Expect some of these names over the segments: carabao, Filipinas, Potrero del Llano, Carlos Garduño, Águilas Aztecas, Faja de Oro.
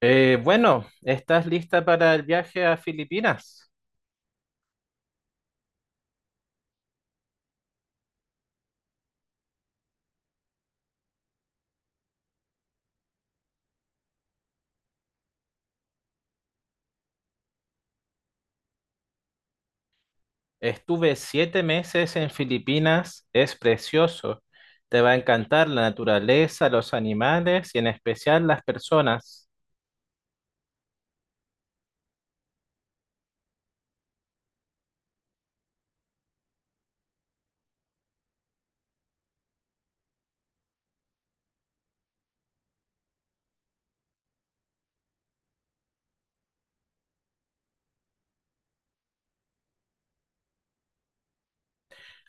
Bueno, ¿estás lista para el viaje a Filipinas? Estuve 7 meses en Filipinas, es precioso. Te va a encantar la naturaleza, los animales y en especial las personas.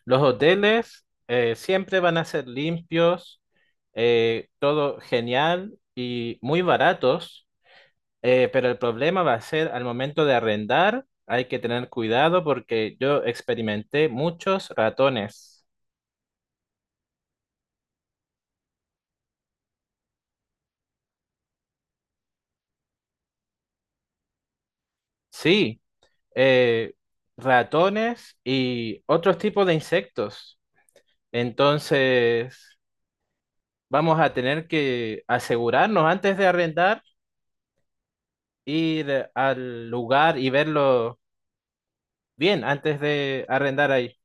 Los hoteles siempre van a ser limpios, todo genial y muy baratos, pero el problema va a ser al momento de arrendar, hay que tener cuidado porque yo experimenté muchos ratones. Sí. eh, Ratones y otros tipos de insectos. Entonces, vamos a tener que asegurarnos antes de arrendar, ir al lugar y verlo bien antes de arrendar ahí.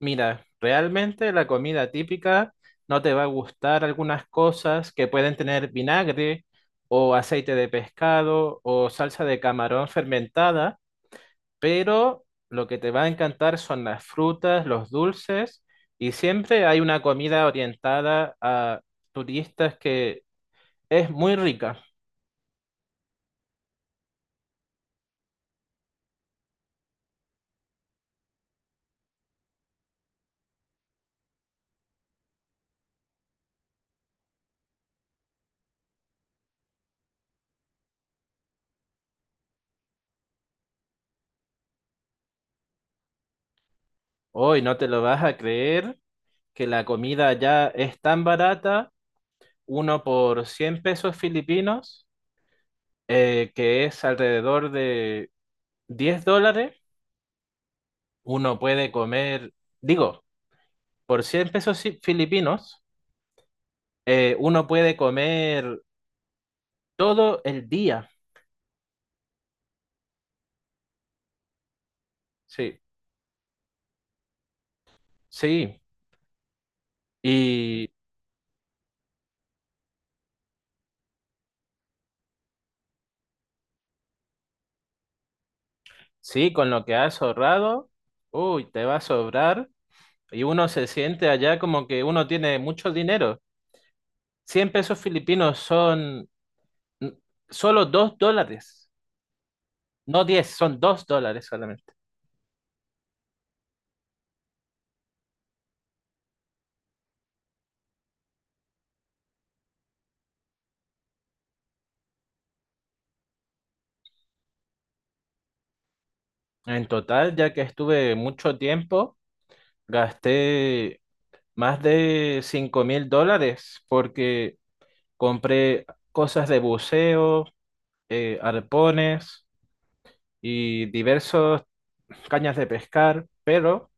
Mira, realmente la comida típica no te va a gustar. Algunas cosas que pueden tener vinagre o aceite de pescado o salsa de camarón fermentada, pero lo que te va a encantar son las frutas, los dulces, y siempre hay una comida orientada a turistas que es muy rica. Hoy no te lo vas a creer que la comida ya es tan barata, uno por 100 pesos filipinos, que es alrededor de $10, uno puede comer, digo, por 100 pesos filipinos, uno puede comer todo el día. Sí, sí. Y sí, con lo que has ahorrado, uy, te va a sobrar. Y uno se siente allá como que uno tiene mucho dinero. 100 pesos filipinos son mm, solo $2, no 10, son $2 solamente. En total, ya que estuve mucho tiempo, gasté más de $5,000 porque compré cosas de buceo, arpones y diversos cañas de pescar, pero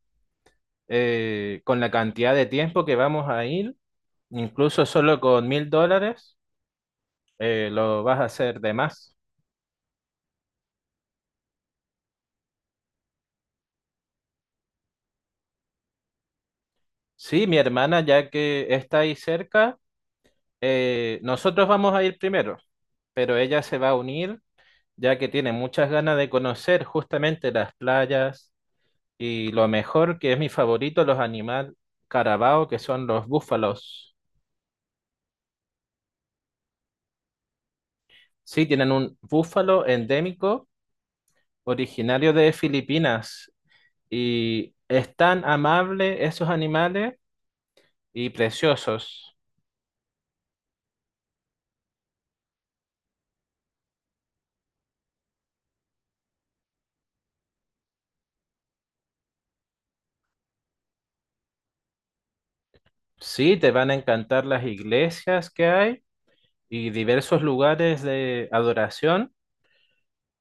con la cantidad de tiempo que vamos a ir, incluso solo con $1,000, lo vas a hacer de más. Sí, mi hermana, ya que está ahí cerca, nosotros vamos a ir primero, pero ella se va a unir, ya que tiene muchas ganas de conocer justamente las playas y lo mejor, que es mi favorito, los animales carabao, que son los búfalos. Sí, tienen un búfalo endémico originario de Filipinas. Y es tan amable esos animales y preciosos. Sí, te van a encantar las iglesias que hay y diversos lugares de adoración,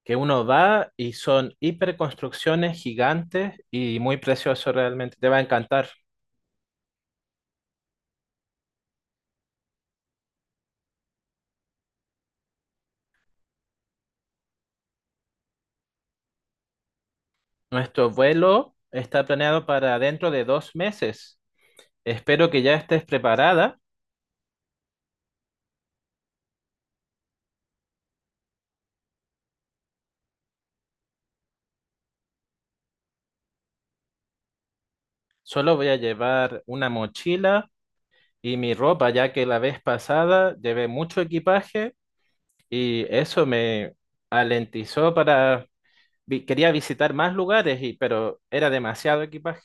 que uno va y son hiperconstrucciones gigantes y muy preciosos realmente. Te va a encantar. Nuestro vuelo está planeado para dentro de 2 meses. Espero que ya estés preparada. Solo voy a llevar una mochila y mi ropa, ya que la vez pasada llevé mucho equipaje. Y eso me alentizó para, quería visitar más lugares, y, pero era demasiado equipaje.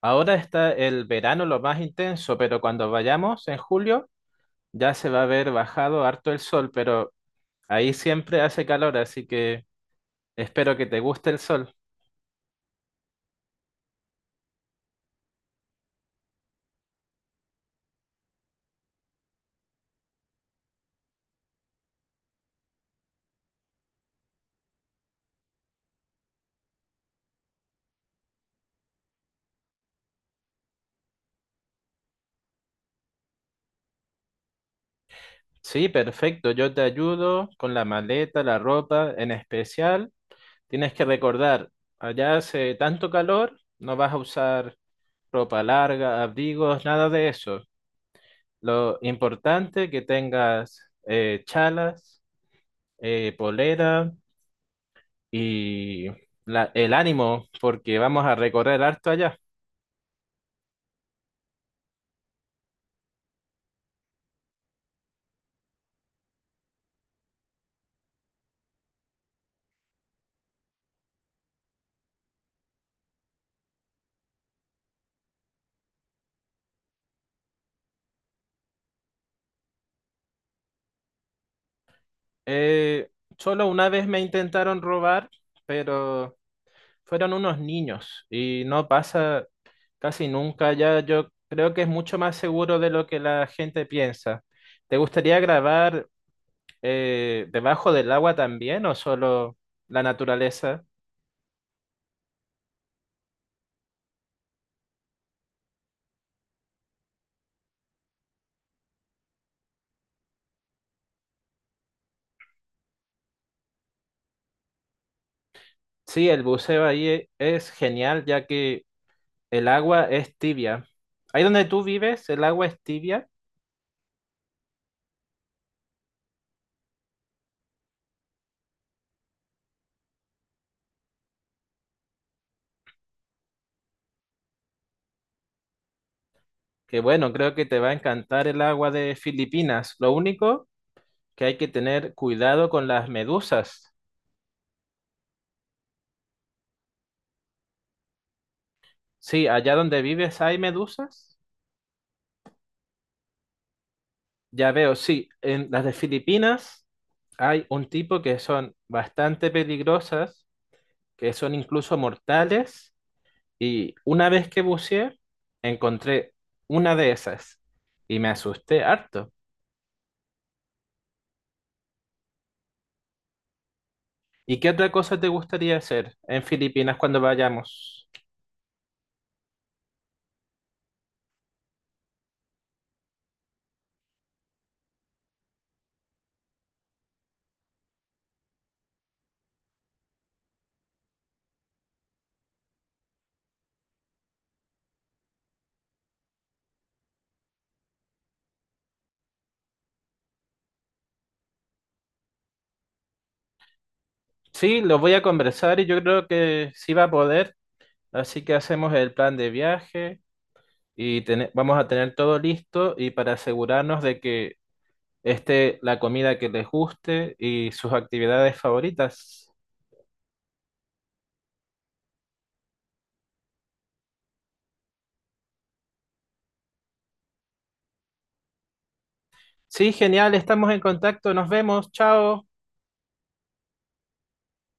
Ahora está el verano lo más intenso, pero cuando vayamos en julio ya se va a haber bajado harto el sol, pero ahí siempre hace calor, así que espero que te guste el sol. Sí, perfecto, yo te ayudo con la maleta, la ropa, en especial. Tienes que recordar, allá hace tanto calor, no vas a usar ropa larga, abrigos, nada de eso. Lo importante que tengas chalas, polera y el ánimo, porque vamos a recorrer harto allá. Eh, Solo una vez me intentaron robar, pero fueron unos niños y no pasa casi nunca allá. Yo creo que es mucho más seguro de lo que la gente piensa. ¿Te gustaría grabar debajo del agua también o solo la naturaleza? Sí, el buceo ahí es genial ya que el agua es tibia. Ahí donde tú vives, el agua es tibia, que bueno, creo que te va a encantar el agua de Filipinas. Lo único que hay que tener cuidado con las medusas. Sí, allá donde vives hay medusas. Ya veo, sí, en las de Filipinas hay un tipo que son bastante peligrosas, que son incluso mortales. Y una vez que buceé, encontré una de esas y me asusté harto. ¿Y qué otra cosa te gustaría hacer en Filipinas cuando vayamos? Sí, lo voy a conversar y yo creo que sí va a poder, así que hacemos el plan de viaje y vamos a tener todo listo y para asegurarnos de que esté la comida que les guste y sus actividades favoritas. Sí, genial, estamos en contacto, nos vemos, chao.